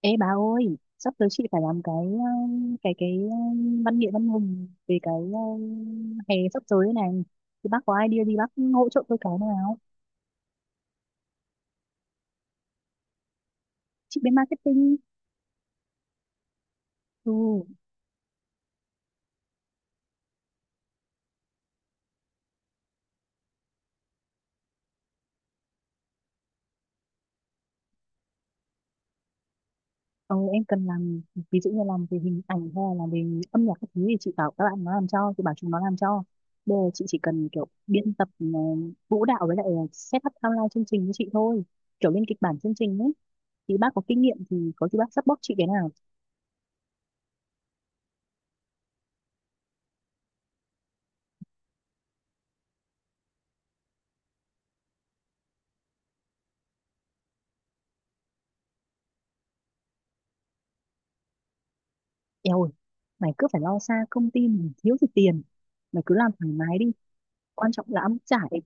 Ê bà ơi, sắp tới chị phải làm cái văn nghệ văn hùng về cái hè sắp tới này. Thì bác có idea gì bác hỗ trợ tôi cái nào? Chị bên marketing. Ừ. Ờ, em cần làm ví dụ như làm về hình ảnh hay là làm về âm nhạc các thứ thì chị bảo các bạn nó làm cho, chị bảo chúng nó làm cho. Bây giờ chị chỉ cần kiểu biên tập vũ đạo với lại set up outline chương trình với chị thôi. Kiểu lên kịch bản chương trình ấy. Thì bác có kinh nghiệm thì có gì bác support chị cái nào? Eo ơi, mày cứ phải lo xa, công ty mình thiếu gì tiền. Mày cứ làm thoải mái đi. Quan trọng là ăn giải.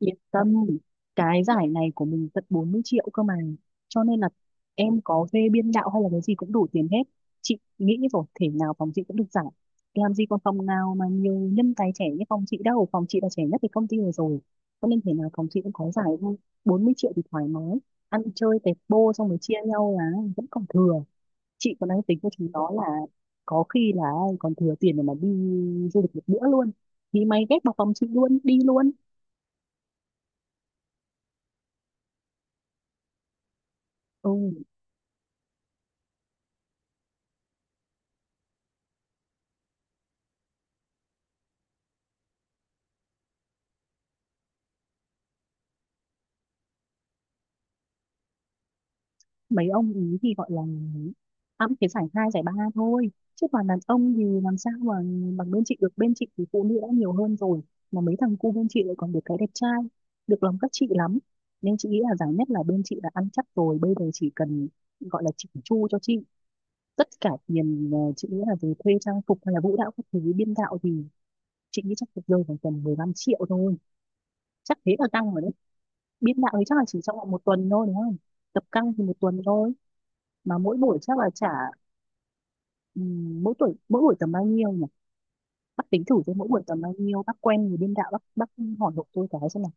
Yên tâm, cái giải này của mình tận 40 triệu cơ mà. Cho nên là em có thuê biên đạo hay là cái gì cũng đủ tiền hết. Chị nghĩ rồi, thể nào phòng chị cũng được giải. Làm gì còn phòng nào mà nhiều nhân tài trẻ như phòng chị đâu. Phòng chị là trẻ nhất cái công ty này rồi. Cho nên thể nào phòng chị cũng có giải thôi. 40 triệu thì thoải mái. Ăn chơi tẹt bô xong rồi chia nhau là vẫn còn thừa. Chị còn đang tính cho chúng nó là có khi là còn thừa tiền để mà đi du lịch một bữa luôn, thì mày ghép vào phòng chị luôn đi luôn. Ừ, mấy ông ý thì gọi là ăn cái giải hai giải ba thôi, chứ còn đàn ông thì làm sao mà bằng bên chị được. Bên chị thì phụ nữ đã nhiều hơn rồi, mà mấy thằng cu bên chị lại còn được cái đẹp trai, được lòng các chị lắm. Nên chị nghĩ là giải nhất là bên chị đã ăn chắc rồi. Bây giờ chỉ cần gọi là chỉnh chu cho chị. Tất cả tiền chị nghĩ là về thuê trang phục hay là vũ đạo các thứ biên đạo thì chị nghĩ chắc được rơi vào tầm 15 triệu thôi. Chắc thế là căng rồi đấy. Biên đạo thì chắc là chỉ trong vòng một tuần thôi đúng không? Tập căng thì một tuần thôi, mà mỗi buổi chắc là trả mỗi tuổi mỗi buổi tầm bao nhiêu nhỉ? Bác tính thử xem mỗi buổi tầm bao nhiêu. Bác quen người biên đạo, bác hỏi hộ tôi cái xem nào.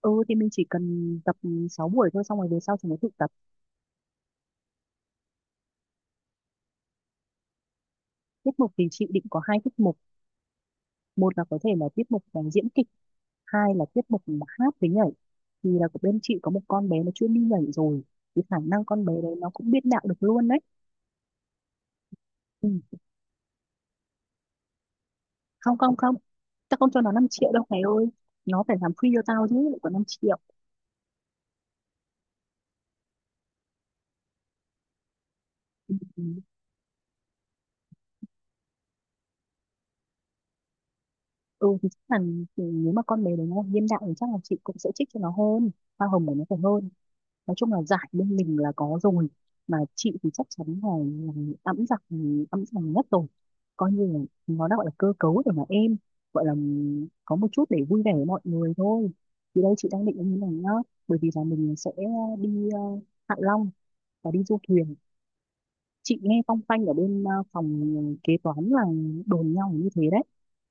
Ừ thì mình chỉ cần tập 6 buổi thôi, xong rồi về sau thì mới tự tập. Tiết mục thì chị định có hai tiết mục. Một là có thể là tiết mục là diễn kịch, hai là tiết mục là hát với nhảy. Thì là của bên chị có một con bé nó chuyên đi nhảy rồi, thì khả năng con bé đấy nó cũng biên đạo được luôn đấy. Ừ. Không không không, tao không cho nó 5 triệu đâu mày ơi. Nó phải làm free cho tao chứ lại còn 5 triệu. Ừ, ừ. Ừ, thì chắc là thì nếu mà con bé đấy nó hiện đại thì chắc là chị cũng sẽ trích cho nó hơn, hoa hồng của nó phải hơn. Nói chung là giải bên mình là có rồi, mà chị thì chắc chắn là ẵm giặc ẵm giằng nhất rồi. Coi như là nó đã gọi là cơ cấu để mà em gọi là có một chút để vui vẻ với mọi người thôi. Thì đây chị đang định như này nhá, bởi vì là mình sẽ đi Hạ Long và đi du thuyền. Chị nghe phong phanh ở bên phòng kế toán là đồn nhau như thế đấy,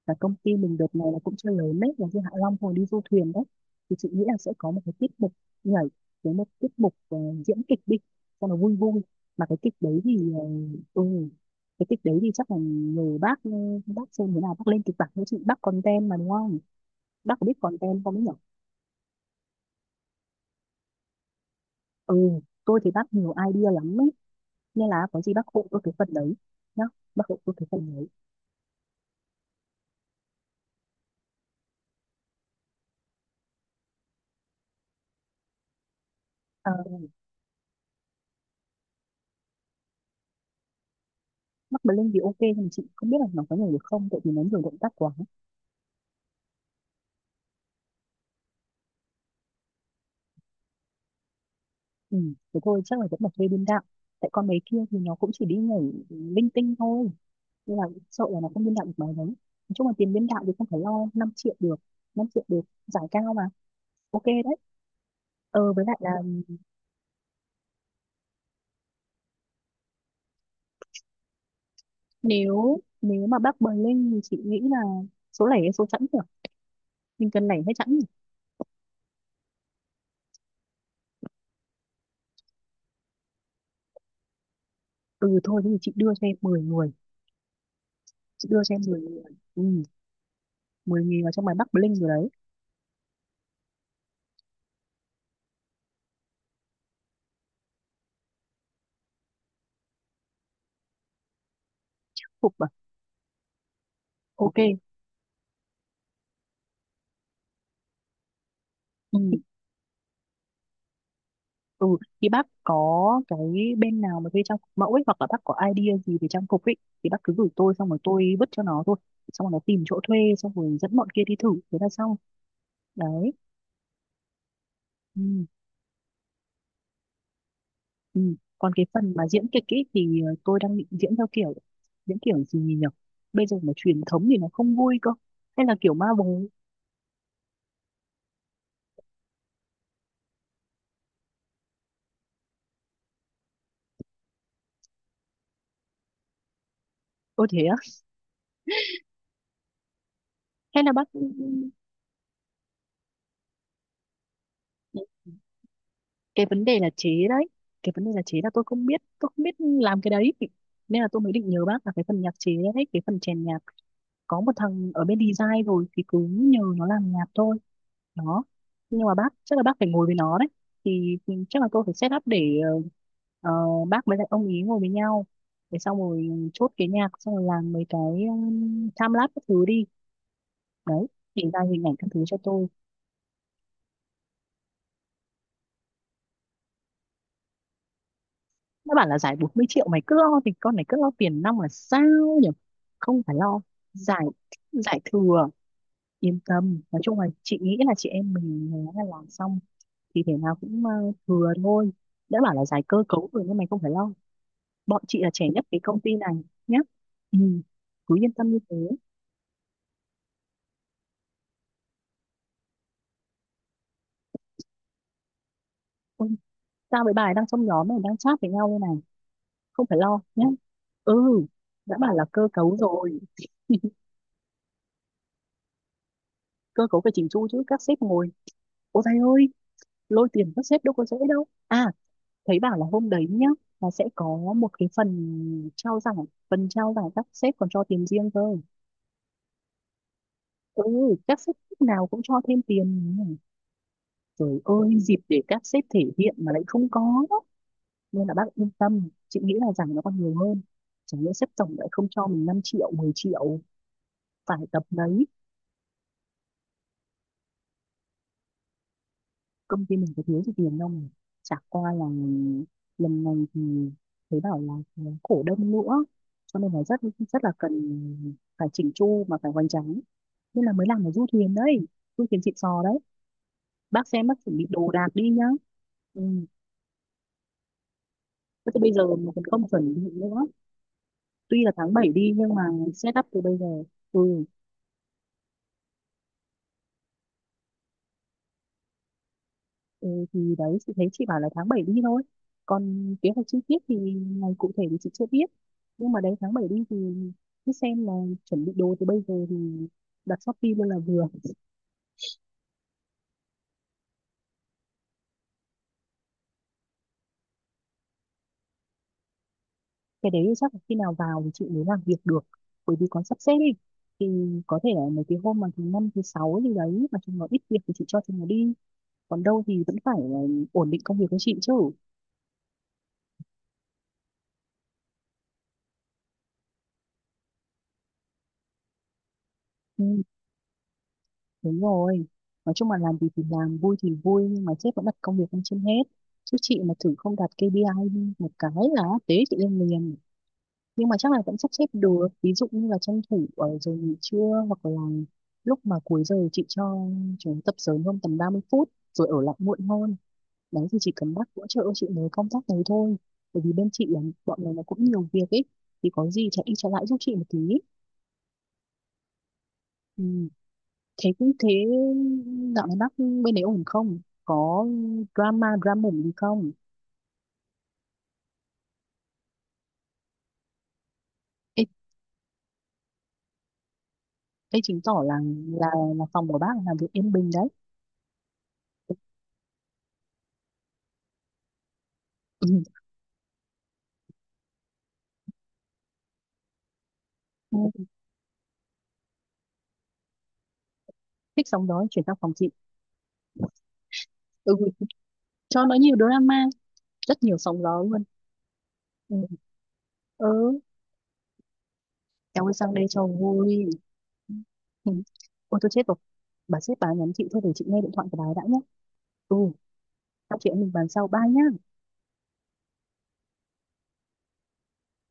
và công ty mình đợt này là cũng chưa lớn đấy là như Hạ Long hồi đi du thuyền đấy. Thì chị nghĩ là sẽ có một cái tiết mục nhảy với một tiết mục diễn kịch đi cho nó vui vui. Mà cái kịch đấy thì ờ, ừ, cái kịch đấy thì chắc là người bác bác xem thế nào bác lên kịch bản với chị, bác content mà đúng không? Bác có biết content không ấy nhỉ? Ừ, tôi thì bác nhiều idea lắm ấy, nên là có gì bác hộ tôi cái phần đấy nhá. Bác hộ tôi cái phần đấy. À, Mắc Blink thì ok nhưng mà chị không biết là nó có nhảy được không, tại vì nó nhiều động tác quá. Ừ, thế thôi chắc là vẫn là thuê biên đạo. Tại con mấy kia thì nó cũng chỉ đi nhảy linh tinh thôi, nên là sợ là nó không biên đạo được mấy đấy. Nói chung là tiền biên đạo thì không phải lo, 5 triệu được, 5 triệu được, giải cao mà. Ok đấy. Ờ với lại là nếu nếu mà bác Blink thì chị nghĩ là số lẻ hay số chẵn nhỉ? Mình cần lẻ hay chẵn nhỉ? Ừ thôi thế thì chị đưa cho em 10 người. Chị đưa cho em 10 người. Ừ. 10 người vào trong bài Bắc Bling rồi đấy. Phục à? Ok. Ừ, ừ thì bác có cái bên nào mà thuê trang phục mẫu ấy, hoặc là bác có idea gì về trang phục ấy thì bác cứ gửi tôi, xong rồi tôi vứt cho nó thôi, xong rồi nó tìm chỗ thuê xong rồi dẫn bọn kia đi thử thế là xong. Đấy. Ừ. Ừ. Còn cái phần mà diễn kịch ấy thì tôi đang định diễn theo kiểu diễn kiểu gì nhỉ? Bây giờ mà truyền thống thì nó không vui cơ, hay là kiểu ma bồ. Ôi thế á, hay là bác ừ, cái vấn đề là chế đấy. Cái vấn đề là chế là tôi không biết Tôi không biết làm cái đấy. Nên là tôi mới định nhờ bác là cái phần nhạc chế đấy, cái phần chèn nhạc. Có một thằng ở bên design rồi thì cứ nhờ nó làm nhạc thôi. Đó. Nhưng mà bác chắc là bác phải ngồi với nó đấy. Thì chắc là tôi phải set up để ờ, bác với lại ông ý ngồi với nhau, để xong rồi chốt cái nhạc xong rồi làm mấy cái time lapse các thứ đi. Đấy thì ra hình ảnh các thứ cho tôi. Nó bảo là giải 40 triệu, mày cứ lo thì, con này cứ lo tiền nong là sao nhỉ? Không phải lo, giải, giải thừa. Yên tâm, nói chung là chị nghĩ là chị em mình nó là làm xong thì thể nào cũng thừa thôi. Đã bảo là giải cơ cấu rồi, nhưng mày không phải lo. Bọn chị là trẻ nhất cái công ty này nhá. Ừ. Cứ yên tâm như thế. Ôi, tao với bà ấy đang trong nhóm này đang chat với nhau đây này. Không phải lo nhá. Ừ, đã bảo là cơ cấu rồi. Cơ cấu phải chỉnh chu chứ, các sếp ngồi. Ôi thầy ơi, lôi tiền các sếp đâu có dễ đâu à. Thấy bảo là hôm đấy nhá, là sẽ có một cái phần trao giải. Phần trao giải các sếp còn cho tiền riêng cơ. Ừ, các sếp lúc nào cũng cho thêm tiền. Trời ơi, dịp để các sếp thể hiện mà lại không có. Nên là bác yên tâm, chị nghĩ là rằng nó còn nhiều hơn. Chẳng lẽ sếp tổng lại không cho mình 5 triệu, 10 triệu, phải tập đấy. Công ty mình có thiếu gì tiền đâu mà. Chả qua là lần này thì thấy bảo là cổ đông nữa. Cho nên là rất rất là cần phải chỉnh chu, mà phải hoành tráng. Nên là mới làm ở du thuyền đấy, du thuyền xịn sò đấy. Bác xem bác chuẩn bị đồ đạc đi nhá. Ừ. Thế thì bây giờ mình còn không chuẩn bị nữa, tuy là tháng 7 đi nhưng mà set up từ bây giờ. Ừ, ừ thì đấy chị thấy chị bảo là tháng 7 đi thôi, còn kế hoạch chi tiết thì ngày cụ thể thì chị chưa biết. Nhưng mà đấy tháng 7 đi thì cứ xem là chuẩn bị đồ từ bây giờ thì đặt Shopee luôn là vừa. Cái đấy chắc là khi nào vào thì chị mới làm việc được, bởi vì còn sắp xếp đi. Thì có thể là mấy cái hôm mà thứ 5 thứ 6 gì đấy mà chúng nó ít việc thì chị cho chúng nó đi, còn đâu thì vẫn phải ổn định công việc của chị chứ. Ừ. Đúng rồi. Nói chung là làm gì thì làm, vui thì vui, nhưng mà sếp vẫn đặt công việc lên trên hết. Chứ chị mà thử không đạt KPI một cái là tế chị lên liền. Nhưng mà chắc là vẫn sắp xếp được. Ví dụ như là tranh thủ ở giờ nghỉ trưa, hoặc là lúc mà cuối giờ chị cho chúng tập sớm hơn tầm 30 phút rồi ở lại muộn hơn. Đấy thì chỉ cần bác hỗ trợ chị mới công tác đấy thôi. Bởi vì bên chị là bọn này nó cũng nhiều việc ấy. Thì có gì chạy đi chạy lại giúp chị một tí. Ừ. Thế cũng thế, dạo này bác bên đấy ổn không? Có drama drama mủng gì không? Ê, ê chứng tỏ là là là phòng của bác làm việc yên bình đấy. Ừ. Thích sóng gió chuyển sang phòng chị. Ừ, cho nó nhiều drama, rất nhiều sóng gió luôn. Ừ, ừ em ơi sang đây cho vui. Ừ. Ôi tôi chết rồi. Bà sếp bà nhắn chị thôi, để chị nghe điện thoại của bà ấy đã nhé. Ừ, sau chị em mình bàn sau ba nhá.